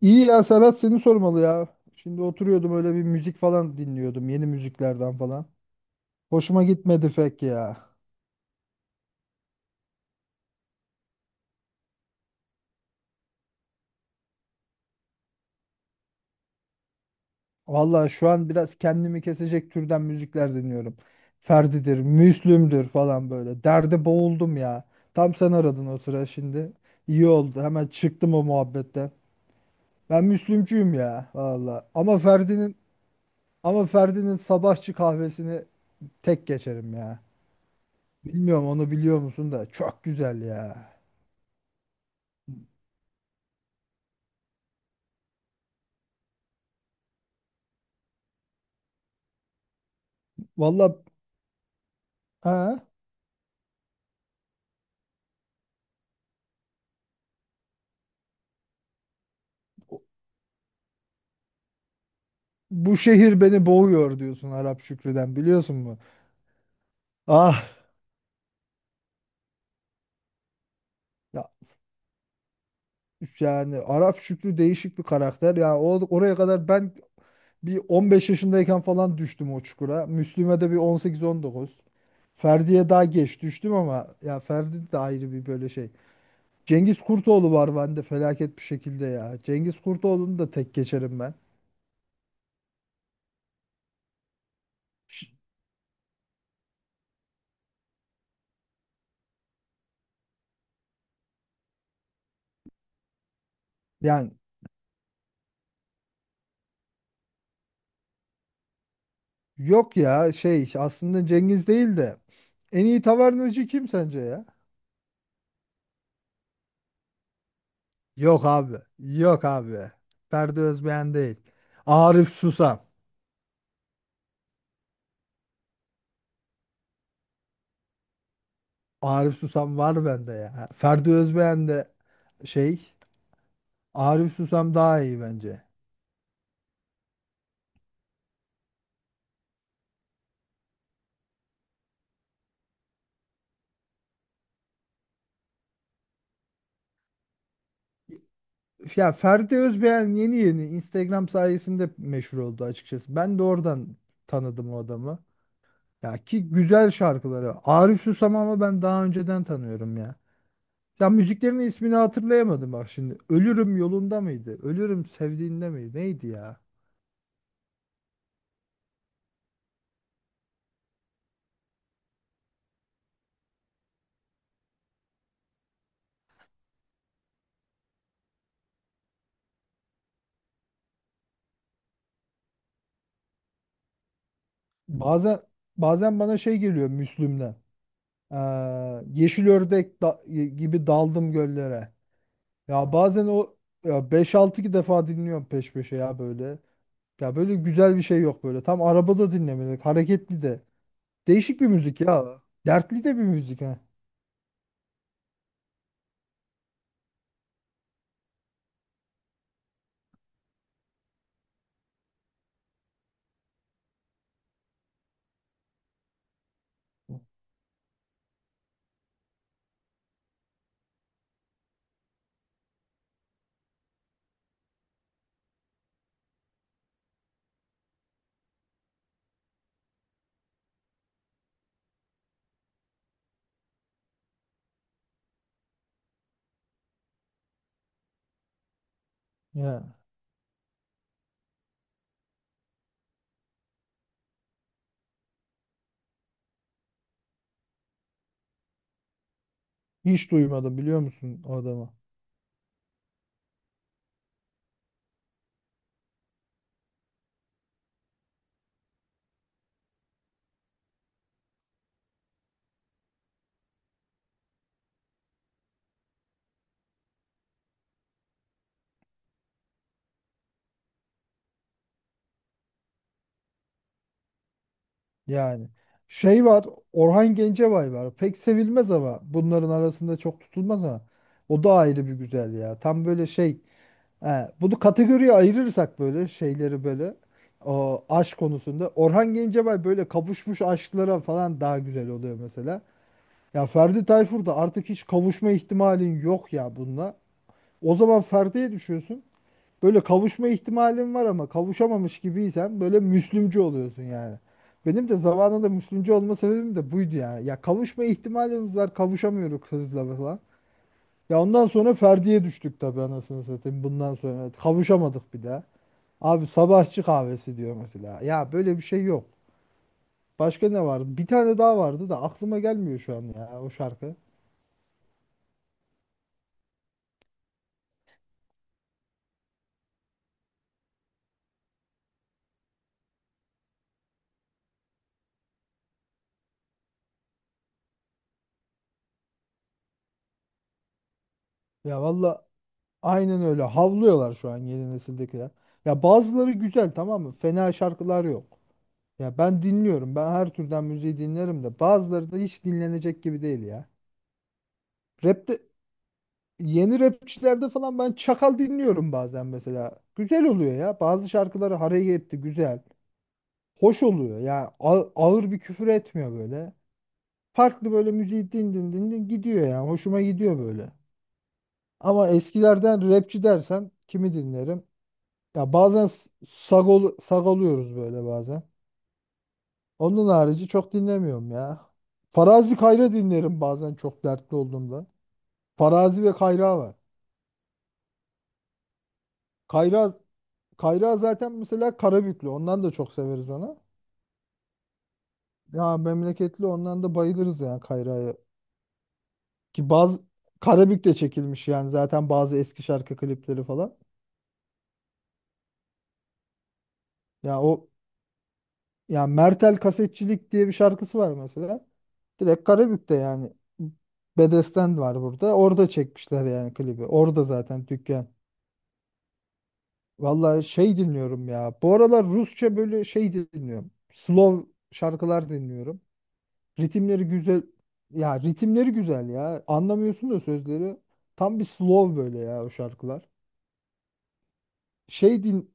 İyi ya Serhat seni sormalı ya. Şimdi oturuyordum öyle bir müzik falan dinliyordum. Yeni müziklerden falan. Hoşuma gitmedi pek ya. Vallahi şu an biraz kendimi kesecek türden müzikler dinliyorum. Ferdi'dir, Müslüm'dür falan böyle. Derde boğuldum ya. Tam sen aradın o sıra şimdi. İyi oldu. Hemen çıktım o muhabbetten. Ben Müslümcüyüm ya valla. Ama Ferdi'nin sabahçı kahvesini tek geçerim ya. Bilmiyorum onu biliyor musun da çok güzel ya. Valla. Ha? Bu şehir beni boğuyor diyorsun Arap Şükrü'den biliyorsun mu? Ah, ya yani Arap Şükrü değişik bir karakter. Ya o oraya kadar ben bir 15 yaşındayken falan düştüm o çukura. Müslüme de bir 18-19. Ferdi'ye daha geç düştüm ama ya Ferdi de ayrı bir böyle şey. Cengiz Kurtoğlu var bende felaket bir şekilde ya. Cengiz Kurtoğlu'nu da tek geçerim ben. Ş- Yani yok ya aslında Cengiz değil de en iyi tavernacı kim sence ya? Yok abi. Yok abi. Ferdi Özbeğen değil. Arif Susam. Arif Susam var bende ya. Ferdi Özbeğen de şey. Arif Susam daha iyi bence. Ya Ferdi Özbeğen yeni yeni Instagram sayesinde meşhur oldu açıkçası. Ben de oradan tanıdım o adamı. Ya ki güzel şarkıları. Arif Susam ama ben daha önceden tanıyorum ya. Ya müziklerinin ismini hatırlayamadım bak şimdi. Ölürüm yolunda mıydı? Ölürüm sevdiğinde miydi? Neydi ya? Bazen bazen bana şey geliyor Müslüm'den. Ee, Yeşil ördek gibi daldım göllere. Ya bazen o ya beş 6 defa dinliyorum peş peşe ya böyle. Ya böyle güzel bir şey yok böyle. Tam arabada dinlemelik, hareketli de. Değişik bir müzik ya. Dertli de bir müzik ha. Ya hiç duymadım biliyor musun o adamı? Yani şey var, Orhan Gencebay var. Pek sevilmez ama bunların arasında çok tutulmaz ama o da ayrı bir güzel ya. Tam böyle şey. He, bunu kategoriye ayırırsak böyle şeyleri böyle o aşk konusunda Orhan Gencebay böyle kavuşmuş aşklara falan daha güzel oluyor mesela. Ya Ferdi Tayfur'da artık hiç kavuşma ihtimalin yok ya bununla. O zaman Ferdi'ye düşüyorsun. Böyle kavuşma ihtimalin var ama kavuşamamış gibiysen böyle Müslümcü oluyorsun yani. Benim de zamanında Müslümcü olma sebebim de buydu ya. Ya kavuşma ihtimalimiz var kavuşamıyoruz kızla falan. Ya ondan sonra Ferdi'ye düştük tabii anasını satayım bundan sonra. Kavuşamadık bir daha. Abi sabahçı kahvesi diyor mesela. Ya böyle bir şey yok. Başka ne vardı? Bir tane daha vardı da aklıma gelmiyor şu an ya o şarkı. Ya valla aynen öyle. Havlıyorlar şu an yeni nesildekiler. Ya bazıları güzel tamam mı? Fena şarkılar yok. Ya ben dinliyorum. Ben her türden müziği dinlerim de bazıları da hiç dinlenecek gibi değil ya. Rap'te yeni rapçilerde falan ben Çakal dinliyorum bazen mesela. Güzel oluyor ya. Bazı şarkıları hareketli, güzel. Hoş oluyor. Ya ağır bir küfür etmiyor böyle. Farklı böyle müziği din din din din gidiyor yani. Hoşuma gidiyor böyle. Ama eskilerden rapçi dersen kimi dinlerim? Ya bazen sagol, sagoluyoruz böyle bazen. Onun harici çok dinlemiyorum ya. Farazi Kayra dinlerim bazen çok dertli olduğumda. Farazi ve Kayra var. Kayra Kayra zaten mesela Karabüklü. Ondan da çok severiz onu. Ya memleketli ondan da bayılırız yani Kayra'ya. Ki bazı Karabük'te çekilmiş yani zaten bazı eski şarkı klipleri falan. Ya o ya Mertel Kasetçilik diye bir şarkısı var mesela. Direkt Karabük'te yani. Bedesten var burada. Orada çekmişler yani klibi. Orada zaten dükkan. Vallahi şey dinliyorum ya. Bu aralar Rusça böyle şey dinliyorum. Slow şarkılar dinliyorum. Ritimleri güzel. Ya ritimleri güzel ya. Anlamıyorsun da sözleri. Tam bir slow böyle ya o şarkılar. Şey din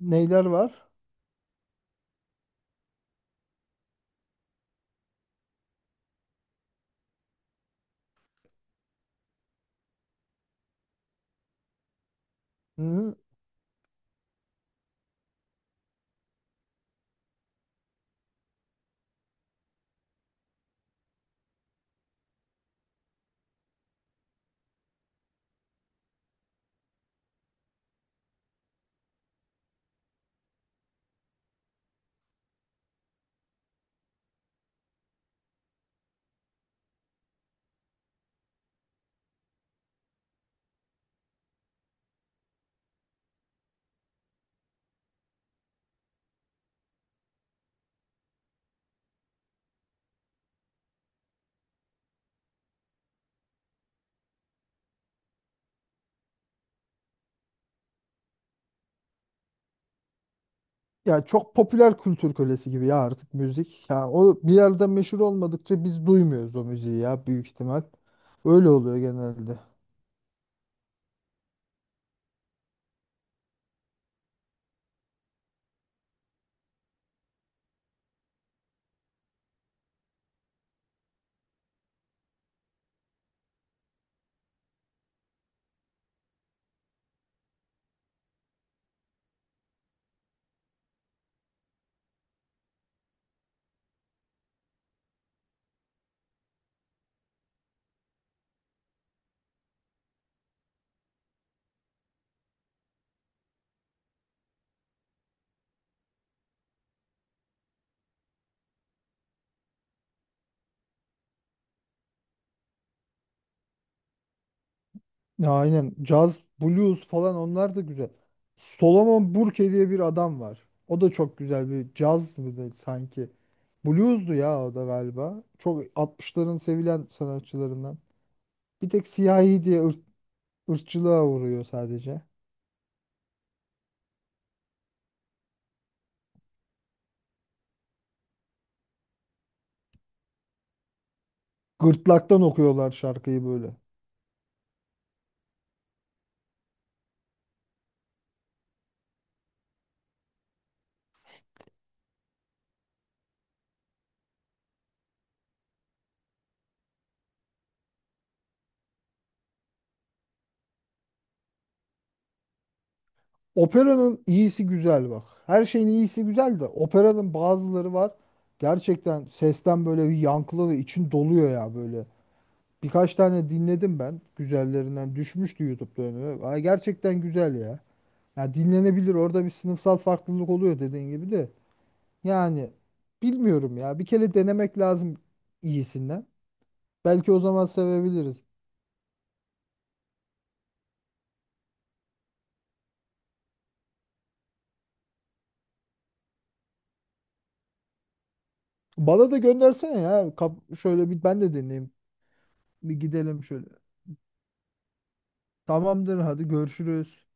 neyler var? Hı, Ya çok popüler kültür kölesi gibi ya artık müzik. Ya o bir yerde meşhur olmadıkça biz duymuyoruz o müziği ya büyük ihtimal. Öyle oluyor genelde. Ya aynen caz, blues falan onlar da güzel. Solomon Burke diye bir adam var. O da çok güzel bir caz mıydı sanki. Blues'du ya o da galiba. Çok 60'ların sevilen sanatçılarından. Bir tek siyahi diye ırkçılığa uğruyor sadece. Gırtlaktan okuyorlar şarkıyı böyle. Operanın iyisi güzel bak. Her şeyin iyisi güzel de operanın bazıları var. Gerçekten sesten böyle bir yankılı ve için doluyor ya böyle. Birkaç tane dinledim ben. Güzellerinden düşmüştü YouTube'da önüme. Ay gerçekten güzel ya. Ya dinlenebilir. Orada bir sınıfsal farklılık oluyor dediğin gibi de. Yani bilmiyorum ya. Bir kere denemek lazım iyisinden. Belki o zaman sevebiliriz. Bana da göndersene ya. Şöyle bir ben de dinleyeyim. Bir gidelim şöyle. Tamamdır hadi görüşürüz.